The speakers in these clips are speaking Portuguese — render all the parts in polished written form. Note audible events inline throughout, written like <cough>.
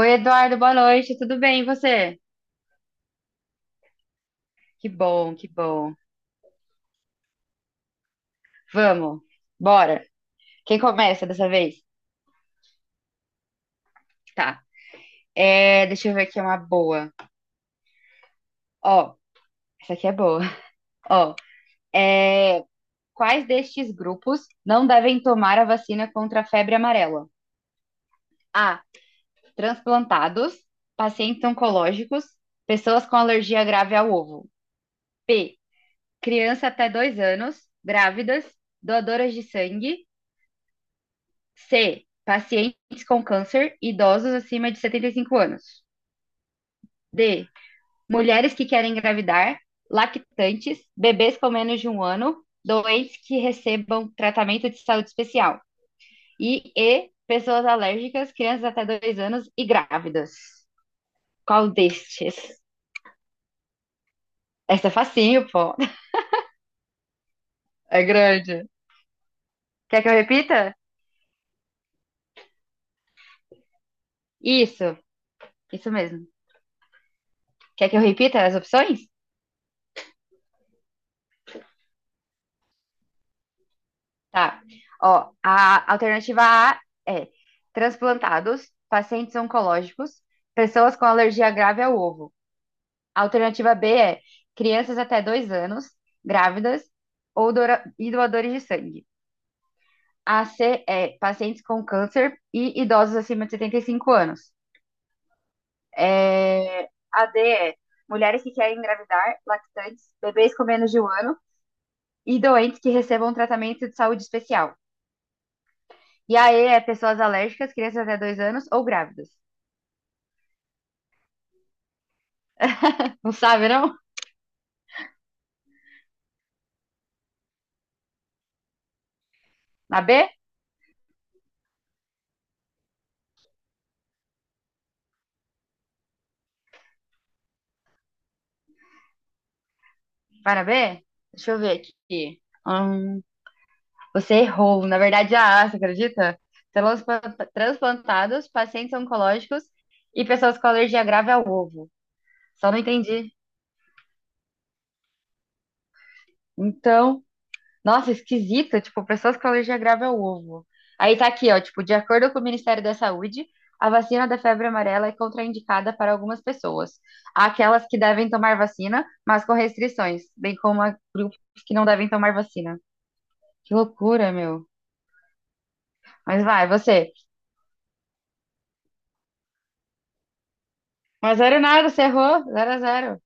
Oi, Eduardo, boa noite, tudo bem? E você? Que bom, que bom. Vamos, bora. Quem começa dessa vez? Tá. É, deixa eu ver aqui uma boa. Ó, essa aqui é boa. <laughs> Ó, é, quais destes grupos não devem tomar a vacina contra a febre amarela? A. Transplantados, pacientes oncológicos, pessoas com alergia grave ao ovo. B. Criança até dois anos, grávidas, doadoras de sangue. C. Pacientes com câncer, idosos acima de 75 anos. D. Mulheres que querem engravidar, lactantes, bebês com menos de um ano, doentes que recebam tratamento de saúde especial. E. Pessoas alérgicas, crianças até dois anos e grávidas. Qual destes? Essa é facinho, pô. É grande. Quer que eu repita? Isso, isso mesmo. Quer que eu repita as opções? Tá. Ó, a alternativa A é transplantados, pacientes oncológicos, pessoas com alergia grave ao ovo. A alternativa B é crianças até dois anos, grávidas ou e doadores de sangue. A C é pacientes com câncer e idosos acima de 75 anos. É, a D é mulheres que querem engravidar, lactantes, bebês com menos de um ano e doentes que recebam um tratamento de saúde especial. E a E é pessoas alérgicas, crianças até dois anos ou grávidas. Não sabe, não? Na B? Vai na B? Deixa eu ver aqui. Hum, você errou. Na verdade, é a A, você acredita? Células transplantados, pacientes oncológicos e pessoas com alergia grave ao ovo. Só não entendi. Então. Nossa, esquisito, tipo, pessoas com alergia grave ao ovo. Aí tá aqui, ó, tipo, de acordo com o Ministério da Saúde, a vacina da febre amarela é contraindicada para algumas pessoas. Há aquelas que devem tomar vacina, mas com restrições, bem como há grupos que não devem tomar vacina. Que loucura, meu. Mas vai, você. 1 a 0 nada, você errou. 0 a zero.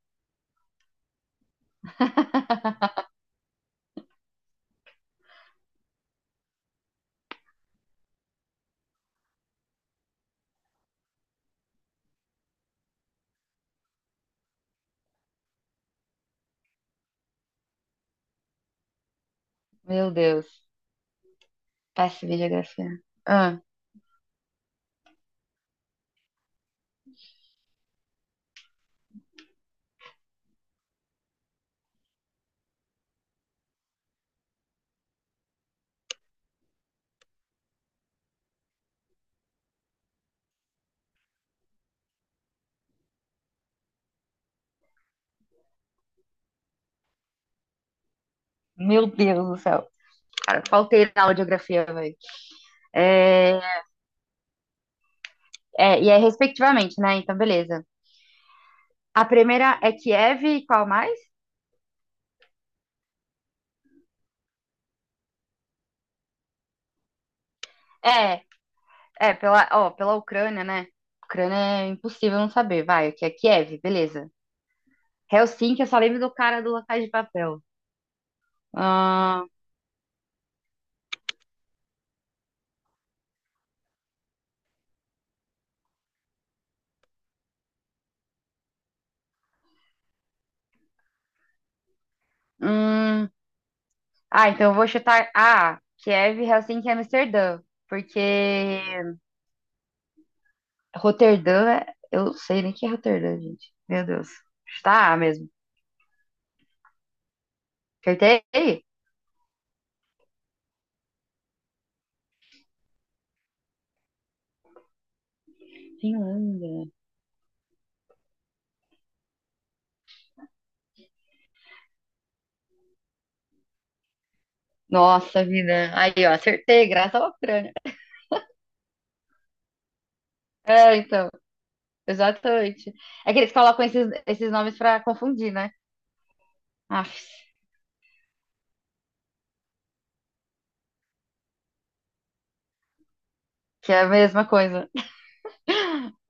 Meu Deus. Péssima em geografia. Ah, meu Deus do céu. Cara, faltei na aula de geografia, velho. É, é, e é respectivamente, né? Então, beleza. A primeira é Kiev e qual mais? É, é pela, ó, pela Ucrânia, né? Ucrânia é impossível não saber. Vai, que é Kiev, beleza. Helsinki, eu só lembro do cara do La Casa de Papel. Ah, hum, ah, então eu vou chutar. Ah, Kiev, Helsinki e Amsterdã. Porque Roterdã, eu sei nem que é Roterdã, gente. Meu Deus. Chutar A mesmo. Acertei? Finlândia. Nossa vida. Aí, ó, acertei, graças à Ucrânia. É, então. Exatamente. É que eles colocam esses nomes pra confundir, né? Aff, que é a mesma coisa.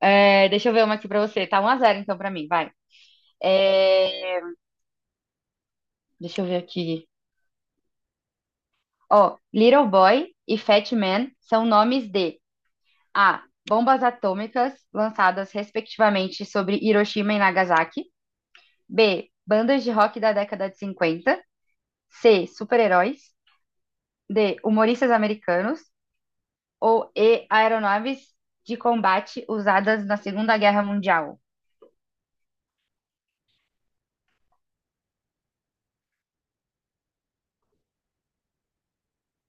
É, deixa eu ver uma aqui pra você. Tá um a zero, então pra mim, vai. É, deixa eu ver aqui. Ó, Little Boy e Fat Man são nomes de A. Bombas atômicas lançadas respectivamente sobre Hiroshima e Nagasaki. B. Bandas de rock da década de 50. C. Super-heróis. D. Humoristas americanos. Ou E. Aeronaves de combate usadas na Segunda Guerra Mundial?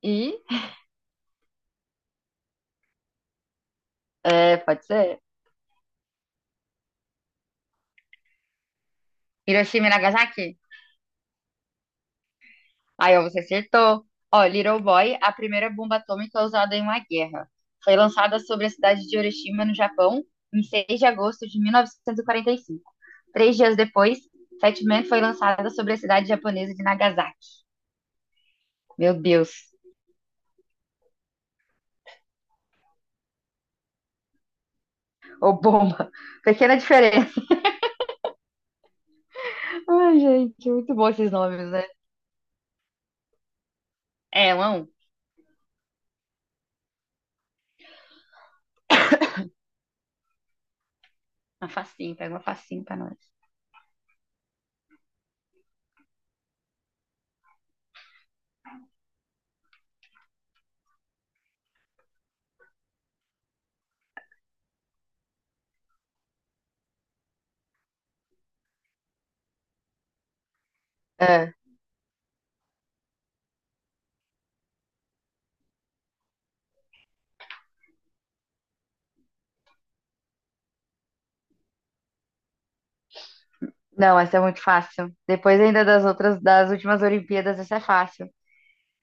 E é, pode ser. Hiroshima e Nagasaki? Aí ó, você acertou. Ó, Little Boy, a primeira bomba atômica usada em uma guerra. Foi lançada sobre a cidade de Hiroshima, no Japão, em 6 de agosto de 1945. Três dias depois, Fat Man foi lançada sobre a cidade japonesa de Nagasaki. Meu Deus. Ô, bomba. Pequena diferença. Ai, gente, muito bom esses nomes, né? É, um a um. Uma facinho, pega uma facinho pra nós. É. Não, essa é muito fácil. Depois ainda das outras, das últimas Olimpíadas, essa é fácil.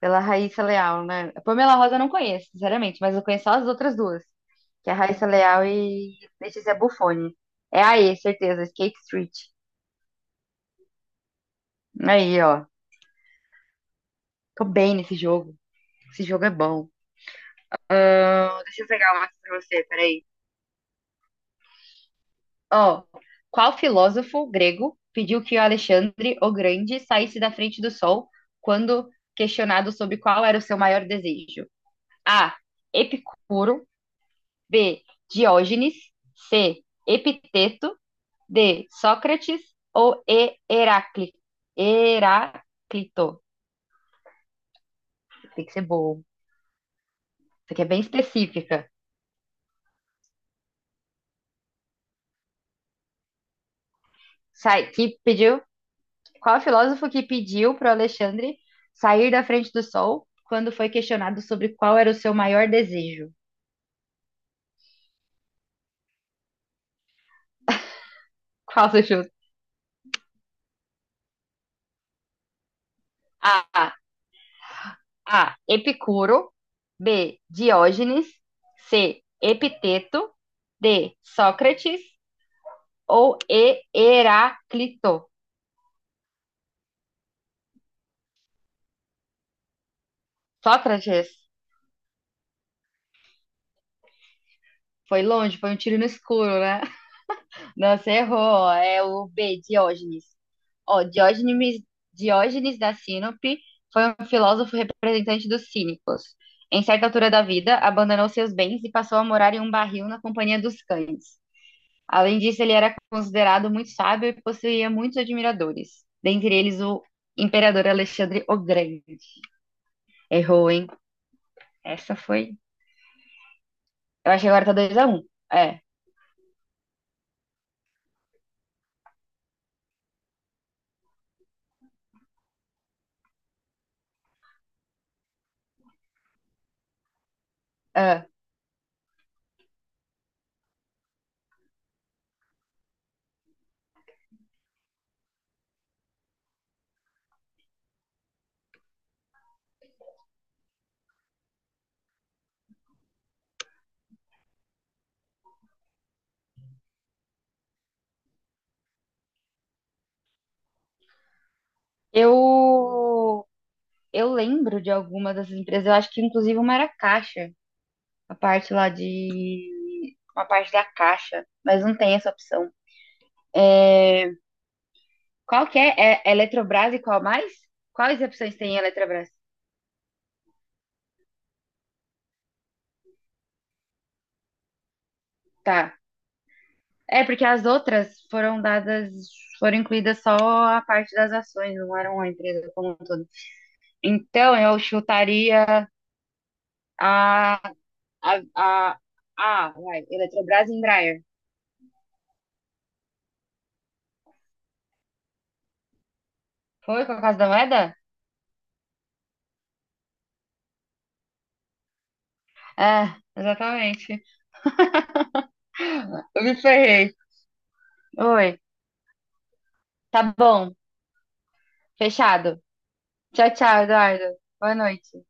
Pela Raíssa Leal, né? A Pamela Rosa eu não conheço, sinceramente, mas eu conheço só as outras duas, que é a Raíssa Leal e Letícia Buffoni. É aí, certeza, Skate Street. Aí, ó. Tô bem nesse jogo. Esse jogo é bom. Deixa eu pegar uma aqui pra você, peraí. Ó, qual filósofo grego pediu que o Alexandre o Grande saísse da frente do sol quando questionado sobre qual era o seu maior desejo? A. Epicuro. B. Diógenes. C. Epiteto. D. Sócrates. Ou E. Heráclito. Heráclito. Tem que ser bom. Isso aqui é bem específica. Sai, que pediu? Qual filósofo que pediu para Alexandre sair da frente do sol quando foi questionado sobre qual era o seu maior desejo? Qual você chuta? A. A. Epicuro. B. Diógenes. C. Epiteto. D. Sócrates. Ou E. Heráclito. Sócrates. Foi longe, foi um tiro no escuro, né? <laughs> Não, você errou. É o B. Diógenes. Ó, Diógenes da Sinope foi um filósofo representante dos cínicos. Em certa altura da vida, abandonou seus bens e passou a morar em um barril na companhia dos cães. Além disso, ele era considerado muito sábio e possuía muitos admiradores, dentre eles o imperador Alexandre o Grande. Errou, hein? Essa foi. Eu acho que agora tá 2 a um. É. Ah. eu eu lembro de alguma dessas empresas, eu acho que inclusive uma era Caixa. A parte lá de. Uma parte da caixa, mas não tem essa opção. É, qual que é? É Eletrobras e qual mais? Quais opções tem em Eletrobras? Tá. É, porque as outras foram dadas, foram incluídas só a parte das ações, não eram a empresa como um todo. Então, eu chutaria a, a, a, vai, Eletrobras e Embraer. Foi com a Casa da Moeda? É, exatamente. Eu me ferrei. Oi. Tá bom. Fechado. Tchau, tchau, Eduardo. Boa noite.